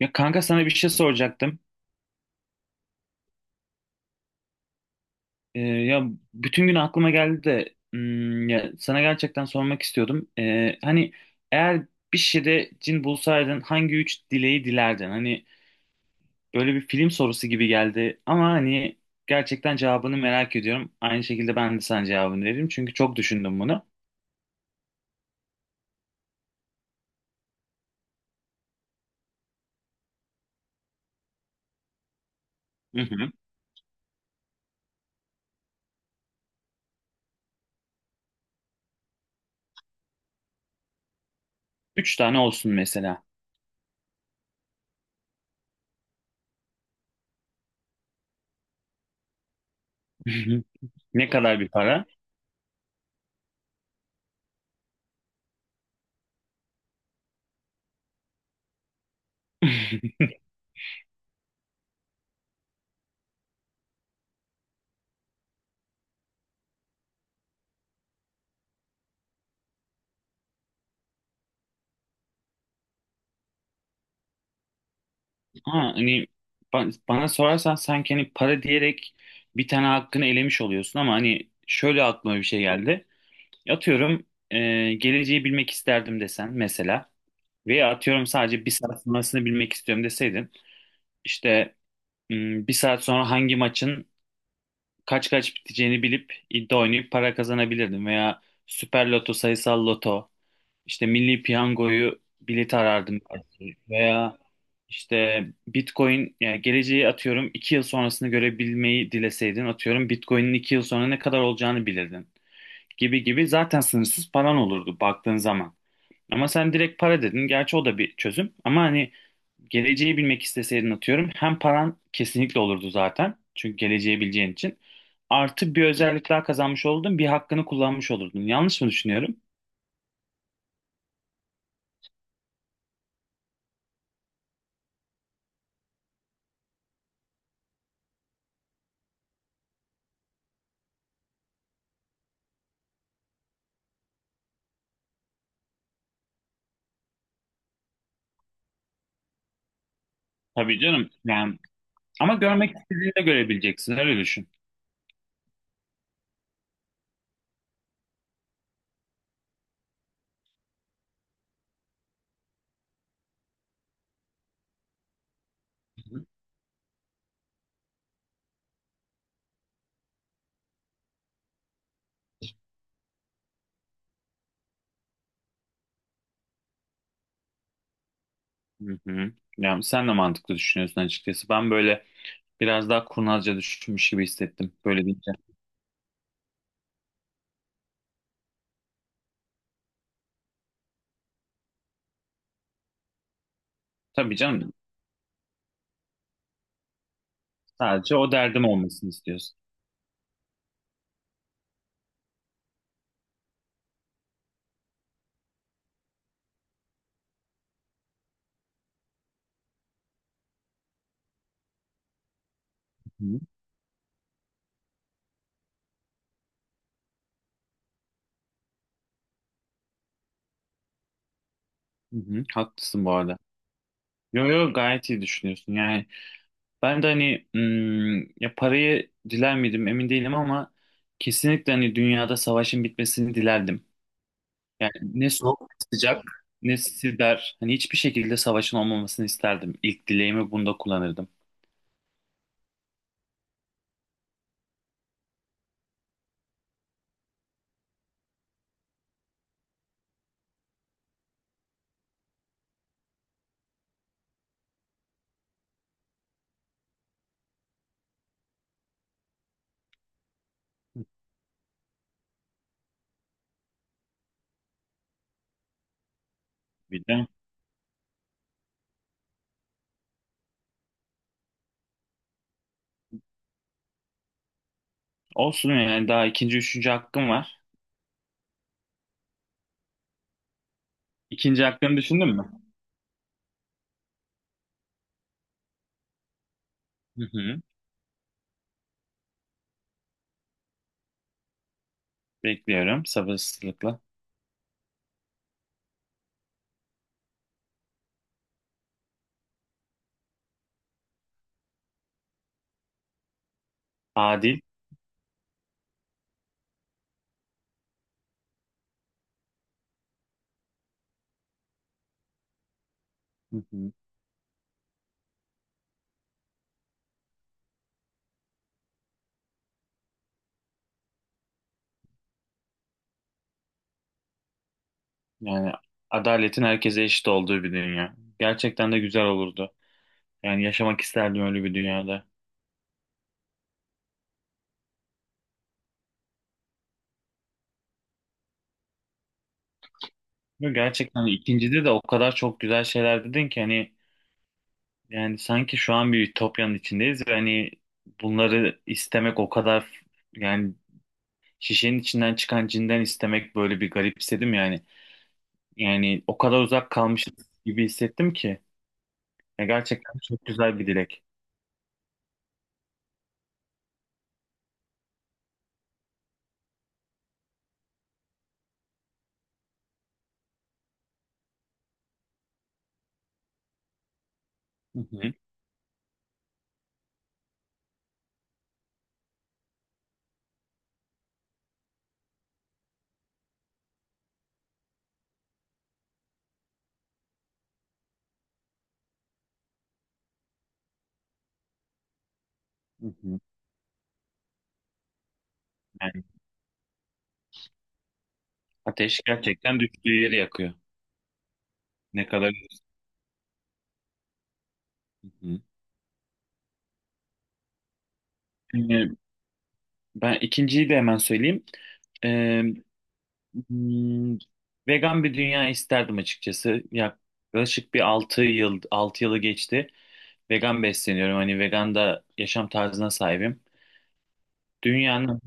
Ya kanka sana bir şey soracaktım. Ya bütün gün aklıma geldi de ya sana gerçekten sormak istiyordum. Hani eğer bir şeyde cin bulsaydın hangi üç dileği dilerdin? Hani böyle bir film sorusu gibi geldi ama hani gerçekten cevabını merak ediyorum. Aynı şekilde ben de sana cevabını veririm çünkü çok düşündüm bunu. Hı hı. Üç tane olsun mesela. Ne kadar bir para? Ha, hani bana sorarsan sanki hani para diyerek bir tane hakkını elemiş oluyorsun ama hani şöyle aklıma bir şey geldi. Atıyorum geleceği bilmek isterdim desen mesela veya atıyorum sadece bir saat sonrasını bilmek istiyorum deseydin işte bir saat sonra hangi maçın kaç kaç biteceğini bilip iddia oynayıp para kazanabilirdim veya Süper Loto, sayısal loto, işte Milli Piyango'yu bilet arardım belki. Veya işte Bitcoin yani geleceği atıyorum 2 yıl sonrasını görebilmeyi dileseydin atıyorum Bitcoin'in 2 yıl sonra ne kadar olacağını bilirdin gibi gibi zaten sınırsız paran olurdu baktığın zaman. Ama sen direkt para dedin. Gerçi o da bir çözüm. Ama hani geleceği bilmek isteseydin atıyorum hem paran kesinlikle olurdu zaten. Çünkü geleceği bileceğin için. Artı bir özellik daha kazanmış olurdun. Bir hakkını kullanmış olurdun. Yanlış mı düşünüyorum? Tabii canım. Yani ama görmek istediğinde görebileceksin. Öyle düşün. Hı hı. Yani sen de mantıklı düşünüyorsun açıkçası. Ben böyle biraz daha kurnazca düşünmüş gibi hissettim böyle deyince. Tabii canım sadece o derdim olmasını istiyorsun. Hı hı. Hı hı. Haklısın bu arada. Yo yo gayet iyi düşünüyorsun. Yani ben de hani ya parayı diler miydim emin değilim ama kesinlikle hani dünyada savaşın bitmesini dilerdim. Yani ne soğuk ne sıcak ne siber hani hiçbir şekilde savaşın olmamasını isterdim. İlk dileğimi bunda kullanırdım. Olsun yani daha ikinci, üçüncü hakkım var. İkinci hakkını düşündün mü? Hı hı. Bekliyorum sabırsızlıkla. Adil. Hı hı. Yani adaletin herkese eşit olduğu bir dünya. Gerçekten de güzel olurdu. Yani yaşamak isterdim öyle bir dünyada. Ve gerçekten ikincide de o kadar çok güzel şeyler dedin ki hani yani sanki şu an bir ütopyanın içindeyiz ve hani bunları istemek o kadar yani şişenin içinden çıkan cinden istemek böyle bir garipsedim yani. Yani o kadar uzak kalmışız gibi hissettim ki. Ya gerçekten çok güzel bir dilek. Hı hı, hı hı. Yani ateş gerçekten düştüğü yeri yakıyor. Ne kadar... Hı hı. Ee, Ben ikinciyi de hemen söyleyeyim. Ee, hmm, vegan bir dünya isterdim açıkçası. Yaklaşık bir altı yılı geçti. Vegan besleniyorum. Hani vegan da yaşam tarzına sahibim. Dünyanın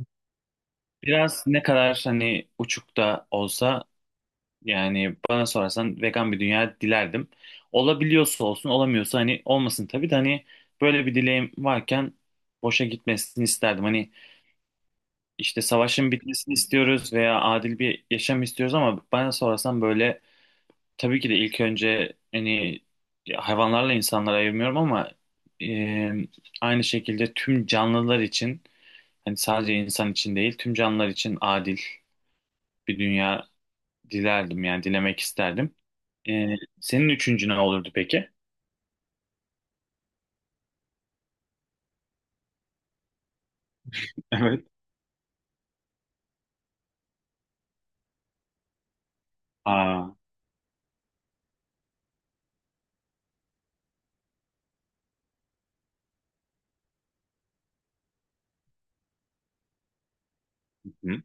biraz ne kadar hani uçukta olsa yani bana sorarsan vegan bir dünya dilerdim. Olabiliyorsa olsun, olamıyorsa hani olmasın tabii de hani böyle bir dileğim varken boşa gitmesini isterdim. Hani işte savaşın bitmesini istiyoruz veya adil bir yaşam istiyoruz ama bana sorarsan böyle tabii ki de ilk önce hani hayvanlarla insanları ayırmıyorum ama e, aynı şekilde tüm canlılar için hani sadece insan için değil tüm canlılar için adil bir dünya dilerdim yani dilemek isterdim. Ee, senin üçüncü ne olurdu peki? Evet. Aa, hı.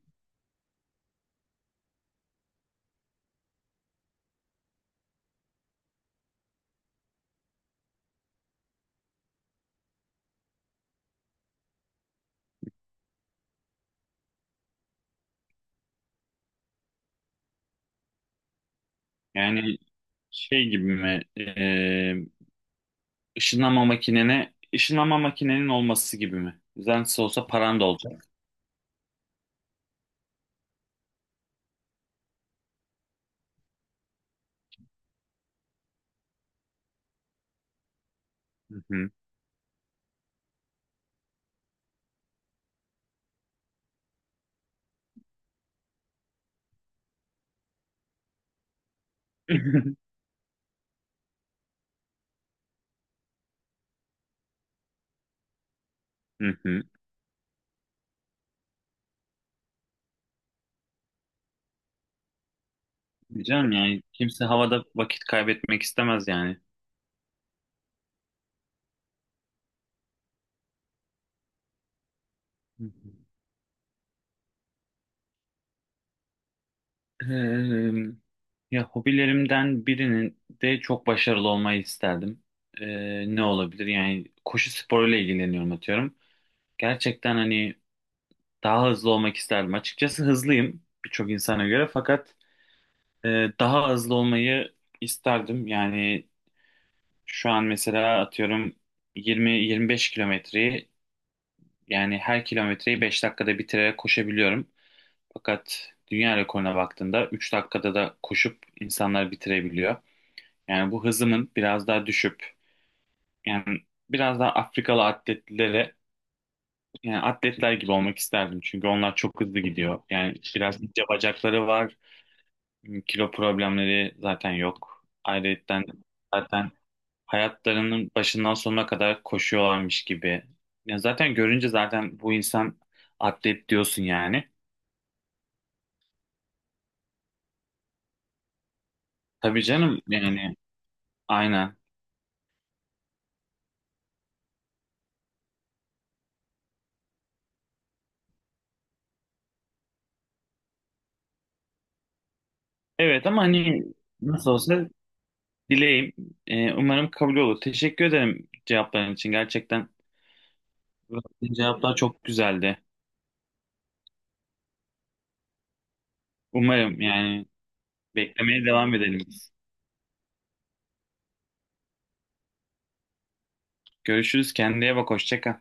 Yani şey gibi mi? Işınlanma makinene, ışınlanma makinenin olması gibi mi? Düzensiz olsa paran da olacak. Hı hı. Hı hı. Canım yani kimse havada vakit kaybetmek istemez yani. Hı hı. Ee, ya hobilerimden birinin de çok başarılı olmayı isterdim. Ne olabilir? Yani koşu sporuyla ilgileniyorum atıyorum. Gerçekten hani daha hızlı olmak isterdim. Açıkçası hızlıyım birçok insana göre fakat e, daha hızlı olmayı isterdim. Yani şu an mesela atıyorum 20-25 kilometreyi yani her kilometreyi 5 dakikada bitirerek koşabiliyorum. Fakat dünya rekoruna baktığında 3 dakikada da koşup insanlar bitirebiliyor. Yani bu hızımın biraz daha düşüp yani biraz daha Afrikalı atletlere yani atletler gibi olmak isterdim çünkü onlar çok hızlı gidiyor. Yani biraz ince bacakları var, kilo problemleri zaten yok. Ayrıca zaten hayatlarının başından sonuna kadar koşuyorlarmış gibi. Ya zaten görünce zaten bu insan atlet diyorsun yani. Tabii canım yani aynen. Evet ama hani nasıl olsa dileğim umarım kabul olur. Teşekkür ederim cevapların için gerçekten. Verdiğin cevaplar çok güzeldi. Umarım yani. Beklemeye devam edelim biz. Görüşürüz. Kendine bak. Hoşça kal.